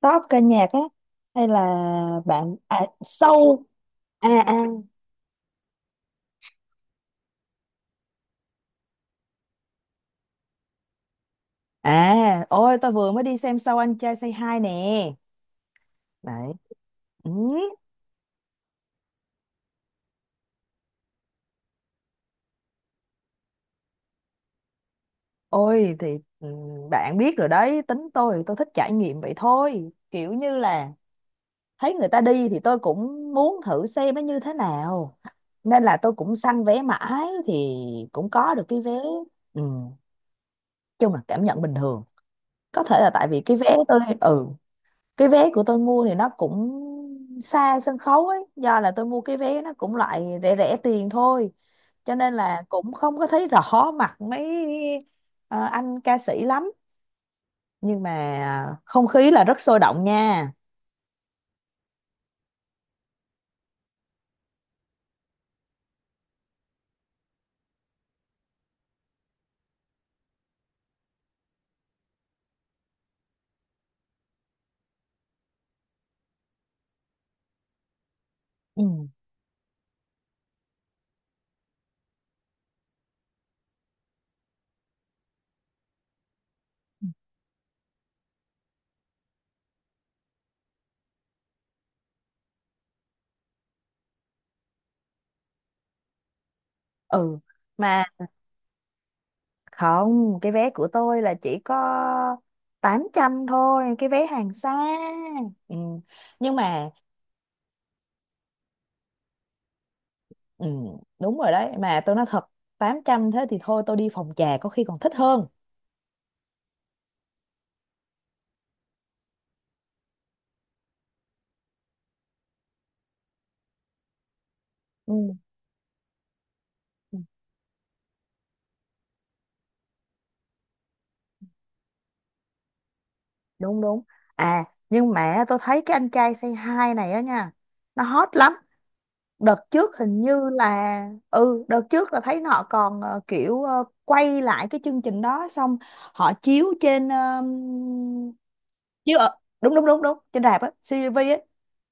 Shop ca nhạc á? Hay là bạn à, show? à à Ôi, tôi vừa mới đi xem show anh trai Say Hi nè đấy. Ừ. ôi thì ừ, Bạn biết rồi đấy, tính tôi thích trải nghiệm vậy thôi, kiểu như là thấy người ta đi thì tôi cũng muốn thử xem nó như thế nào, nên là tôi cũng săn vé mãi thì cũng có được cái vé. Ừ. Chung là cảm nhận bình thường, có thể là tại vì cái vé tôi, cái vé của tôi mua thì nó cũng xa sân khấu ấy, do là tôi mua cái vé nó cũng loại rẻ rẻ tiền thôi, cho nên là cũng không có thấy rõ mặt mấy ờ, anh ca sĩ lắm, nhưng mà không khí là rất sôi động nha. Ừ. Ừ mà không, cái vé của tôi là chỉ có 800 thôi, cái vé hàng xa. Ừ. Nhưng mà ừ, đúng rồi đấy, mà tôi nói thật, 800 thế thì thôi tôi đi phòng trà có khi còn thích hơn. Ừ. Đúng đúng. À, nhưng mà tôi thấy cái anh trai say hi này á nha, nó hot lắm. Đợt trước hình như là đợt trước là thấy họ còn kiểu quay lại cái chương trình đó xong họ chiếu trên chiếu ở, đúng đúng đúng đúng, trên rạp á, CCTV á.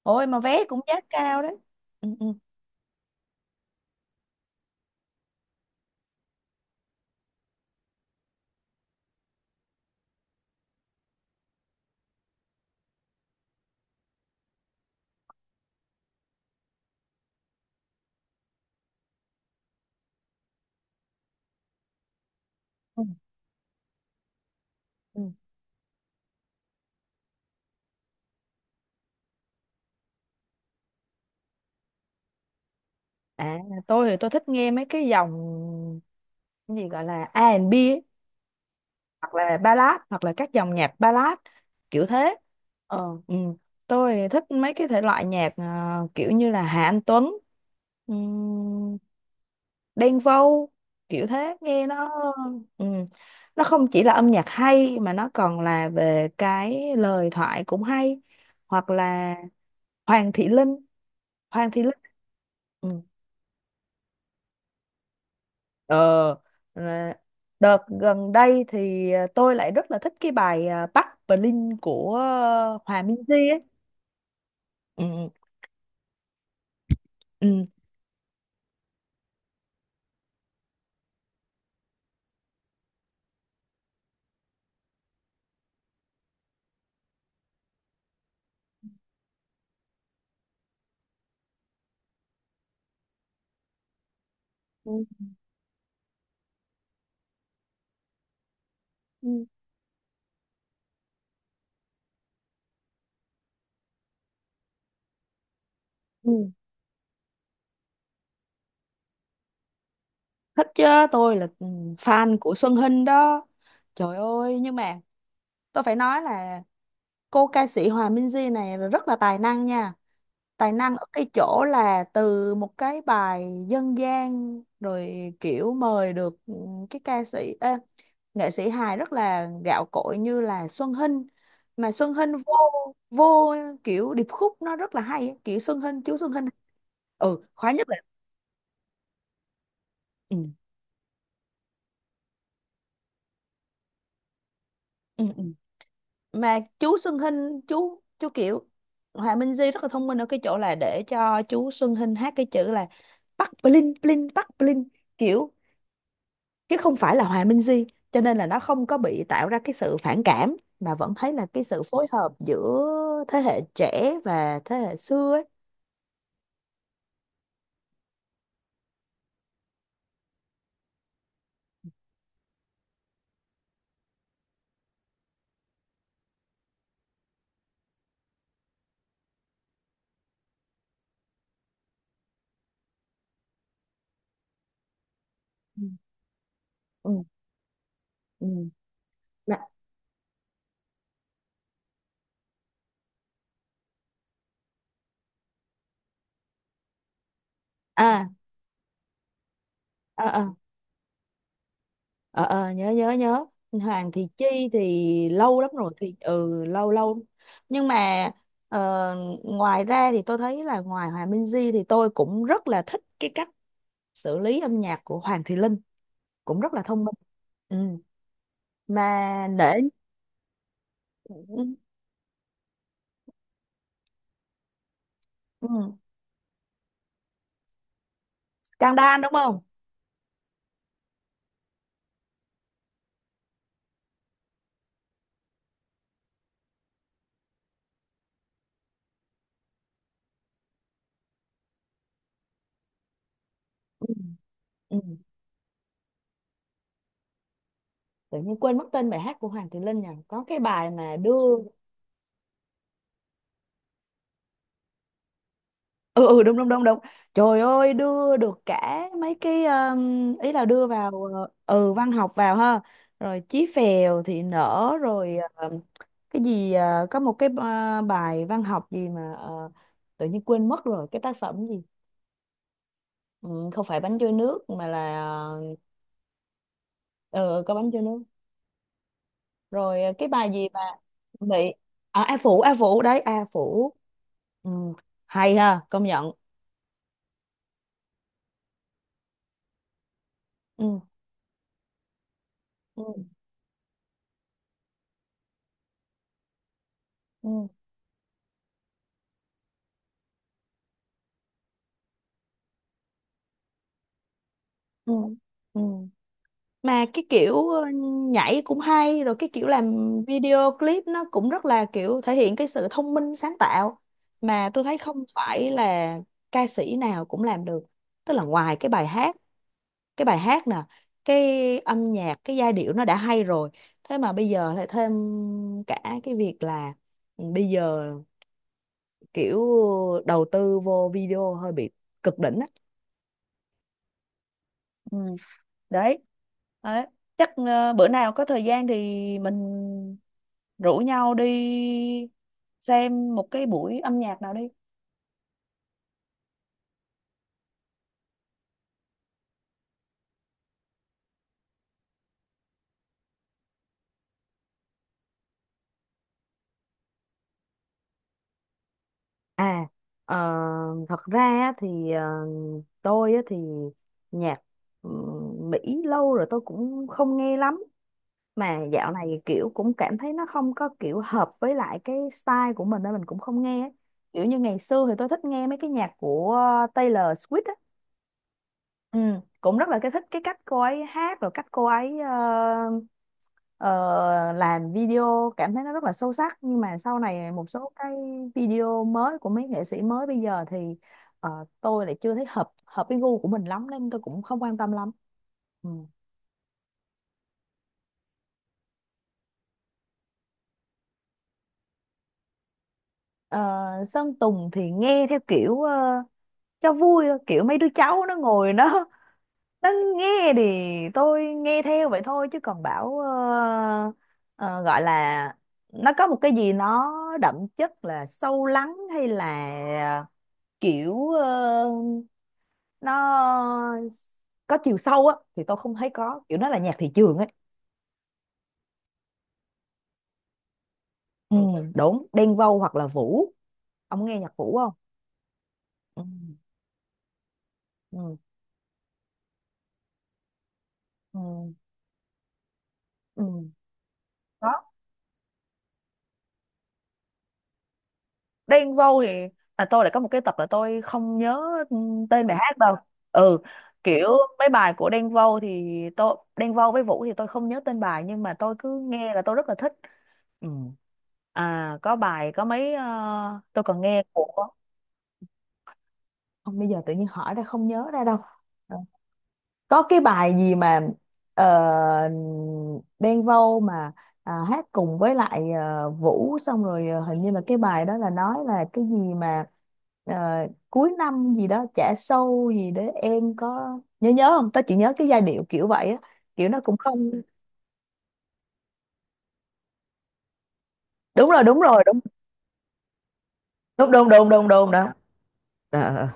Ôi mà vé cũng giá cao đấy. Ừ, ừ, ừ. Ừ. À, tôi thì tôi thích nghe mấy cái dòng cái gì gọi là A R&B, hoặc là ballad, hoặc là các dòng nhạc ballad kiểu thế. ờ ừ. Tôi thích mấy cái thể loại nhạc à, kiểu như là Hà Anh Tuấn, um, Đen Vâu kiểu thế, nghe nó, ừ, nó không chỉ là âm nhạc hay mà nó còn là về cái lời thoại cũng hay, hoặc là Hoàng Thị Linh, Hoàng Thị Linh. Ừ. Ờ, à, đợt gần đây thì tôi lại rất là thích cái bài à, Bắc Berlin của à, Hòa Minzy ấy. Ừ, ừ, ừ, ừ, ừ. Thích chứ, tôi là fan của Xuân Hinh đó. Trời ơi, nhưng mà tôi phải nói là cô ca sĩ Hòa Minzy này rất là tài năng nha. Tài năng ở cái chỗ là từ một cái bài dân gian rồi kiểu mời được cái ca sĩ ê, nghệ sĩ hài rất là gạo cội như là Xuân Hinh, mà Xuân Hinh vô vô kiểu điệp khúc nó rất là hay ấy, kiểu Xuân Hinh chú Xuân Hinh ừ khóa nhất là, ừ, ừ, ừ, mà chú Xuân Hinh chú kiểu Hòa Minh Di rất là thông minh ở cái chỗ là để cho chú Xuân Hinh hát cái chữ là bắc bling bling bắc bling kiểu, chứ không phải là Hòa Minh Di, cho nên là nó không có bị tạo ra cái sự phản cảm mà vẫn thấy là cái sự phối hợp giữa thế hệ trẻ và thế hệ xưa ấy. Ừ. Ừ. Ừ. Nè, à, à, à, à, à, nhớ nhớ nhớ, Hoàng thị Chi thì lâu lắm rồi thì lâu lâu, nhưng mà ờ, ngoài ra thì tôi thấy là ngoài Hòa Minh Di thì tôi cũng rất là thích cái cách xử lý âm nhạc của Hoàng thị Linh, cũng rất là thông minh. Ừ. Mà để, ừ, ừ. Trang Đan đúng không? Ừ, ừ. Tự nhiên quên mất tên bài hát của Hoàng Thùy Linh nhỉ? Có cái bài mà đưa, ừ ừ đúng đúng đúng đúng. Trời ơi, đưa được cả mấy cái ý là đưa vào văn học vào ha. Rồi Chí Phèo thì nở rồi cái gì có một cái bài văn học gì mà tự nhiên quên mất rồi cái tác phẩm gì. Ừ, không phải bánh trôi nước mà là ờ ừ, có bánh trôi nước. Rồi cái bài gì mà bị, à, A Phủ A Phủ đấy A Phủ. Ừ. Hay ha, công nhận. Ừ. Ừ. Ừ. Ừ. Ừ. Mà cái kiểu nhảy cũng hay, rồi cái kiểu làm video clip nó cũng rất là kiểu thể hiện cái sự thông minh sáng tạo, mà tôi thấy không phải là ca sĩ nào cũng làm được. Tức là ngoài cái bài hát, cái bài hát nè, cái âm nhạc cái giai điệu nó đã hay rồi, thế mà bây giờ lại thêm cả cái việc là, ừ, bây giờ kiểu đầu tư vô video hơi bị cực đỉnh á. Ừ. Đấy đấy, chắc bữa nào có thời gian thì mình rủ nhau đi xem một cái buổi âm nhạc nào đi. À, ờ, thật ra á thì tôi á thì nhạc, ừ, Mỹ, lâu rồi tôi cũng không nghe lắm, mà dạo này kiểu cũng cảm thấy nó không có kiểu hợp với lại cái style của mình, nên mình cũng không nghe ấy. Kiểu như ngày xưa thì tôi thích nghe mấy cái nhạc của Taylor Swift á, ừ, cũng rất là cái thích cái cách cô ấy hát, rồi cách cô ấy ờ, làm video, cảm thấy nó rất là sâu sắc. Nhưng mà sau này một số cái video mới của mấy nghệ sĩ mới bây giờ thì ờ, tôi lại chưa thấy hợp hợp với gu của mình lắm, nên tôi cũng không quan tâm lắm. Ừ. Ờ, Sơn Tùng thì nghe theo kiểu cho vui thôi, kiểu mấy đứa cháu nó ngồi nó nó nghe thì tôi nghe theo vậy thôi, chứ còn bảo ờ, gọi là nó có một cái gì nó đậm chất là sâu lắng hay là kiểu nó có chiều sâu á thì tôi không thấy, có kiểu nó là nhạc thị trường ấy. Ừ, đúng, Đen Vâu hoặc là Vũ, ông nghe nhạc Vũ không? Ừ, ừ, ừ, ừ. Có. Đen Vâu thì là tôi lại có một cái tập là tôi không nhớ, ừ, tên bài hát đâu. Ừ, kiểu mấy bài của Đen Vâu thì tôi, Đen Vâu với Vũ thì tôi không nhớ tên bài, nhưng mà tôi cứ nghe là tôi rất là thích. Ừ. À, có bài có mấy tôi còn nghe của, không bây giờ tự nhiên hỏi ra không nhớ ra đâu, có cái bài gì mà ờ, Đen Vâu mà, à, hát cùng với lại Vũ xong rồi hình như là cái bài đó là nói là cái gì mà ờ, cuối năm gì đó trả sâu gì để em có nhớ nhớ không? Tao chỉ nhớ cái giai điệu kiểu vậy á, kiểu nó cũng không, đúng rồi đúng rồi đúng đúng đúng đúng đúng đúng đó. Ờ, ờ, ờ,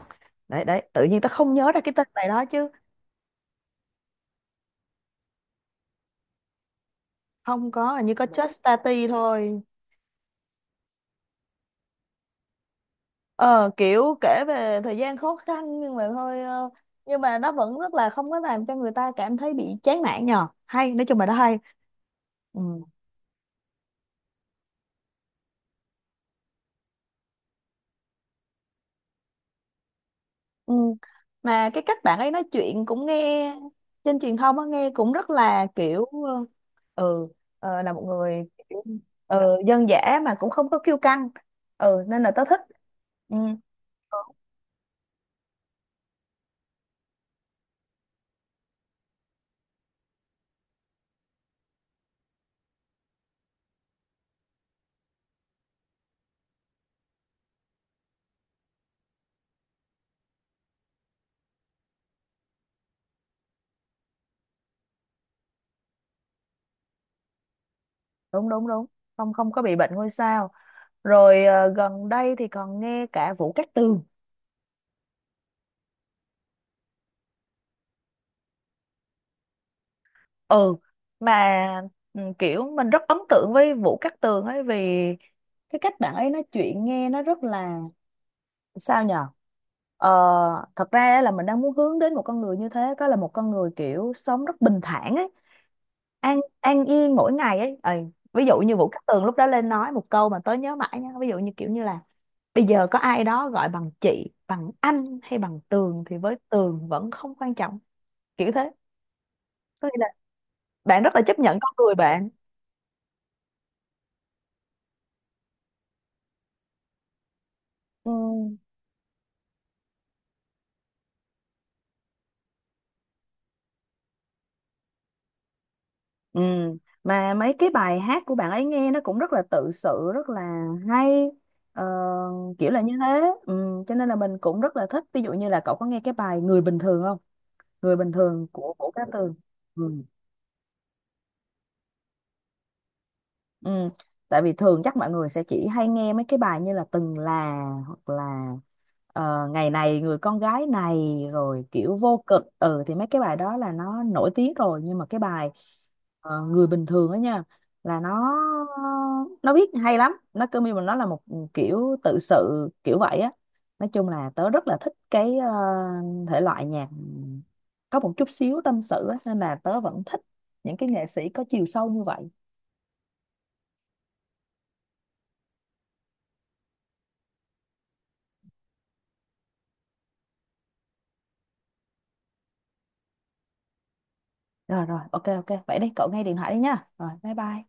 đấy đấy tự nhiên tao không nhớ ra cái tên bài đó chứ. Không có, hình như có Just Tati thôi. Ờ Kiểu kể về thời gian khó khăn, nhưng mà thôi nhưng mà nó vẫn rất là không có làm cho người ta cảm thấy bị chán nản nhờ, hay nói chung là nó hay. Ừ. Ừ. Mà cái cách bạn ấy nói chuyện cũng nghe trên truyền thông á, nghe cũng rất là kiểu ừ là một người kiểu, ờ, dân dã mà cũng không có kiêu căng, ừ, nên là tớ thích. Ừ. Ờ, đúng đúng đúng, không không có bị bệnh ngôi sao. Rồi gần đây thì còn nghe cả Vũ Cát Tường. Ừ mà, kiểu mình rất ấn tượng với Vũ Cát Tường ấy, vì cái cách bạn ấy nói chuyện nghe nó rất là sao nhờ, ờ, thật ra á là mình đang muốn hướng đến một con người như thế, có là một con người kiểu sống rất bình thản ấy, an an yên mỗi ngày ấy. Ừ. Ví dụ như Vũ Cát Tường lúc đó lên nói một câu mà tớ nhớ mãi nha, ví dụ như kiểu như là bây giờ có ai đó gọi bằng chị bằng anh hay bằng Tường thì với Tường vẫn không quan trọng, kiểu thế, có nghĩa là bạn rất là chấp nhận con người bạn. Ừ. Ừ. Mà mấy cái bài hát của bạn ấy nghe nó cũng rất là tự sự, rất là hay ờ, kiểu là như thế. Ừ. Cho nên là mình cũng rất là thích, ví dụ như là cậu có nghe cái bài Người Bình Thường không? Người Bình Thường của Vũ Cát Tường. Ừ. Ừ. Tại vì thường chắc mọi người sẽ chỉ hay nghe mấy cái bài như là Từng Là, hoặc là Ngày Này Người Con Gái Này rồi kiểu Vô Cực, ừ, thì mấy cái bài đó là nó nổi tiếng rồi. Nhưng mà cái bài Người Bình Thường đó nha, là nó viết hay lắm, nó cứ như mà nó là một, ừ, kiểu tự sự kiểu vậy á. Nói chung là tớ rất là thích cái thể loại nhạc có một chút xíu tâm sự á, nên là tớ vẫn thích những cái nghệ sĩ có chiều sâu như vậy. Rồi rồi, ok ok. Vậy đi, cậu nghe điện thoại đi nha. Rồi, bye bye.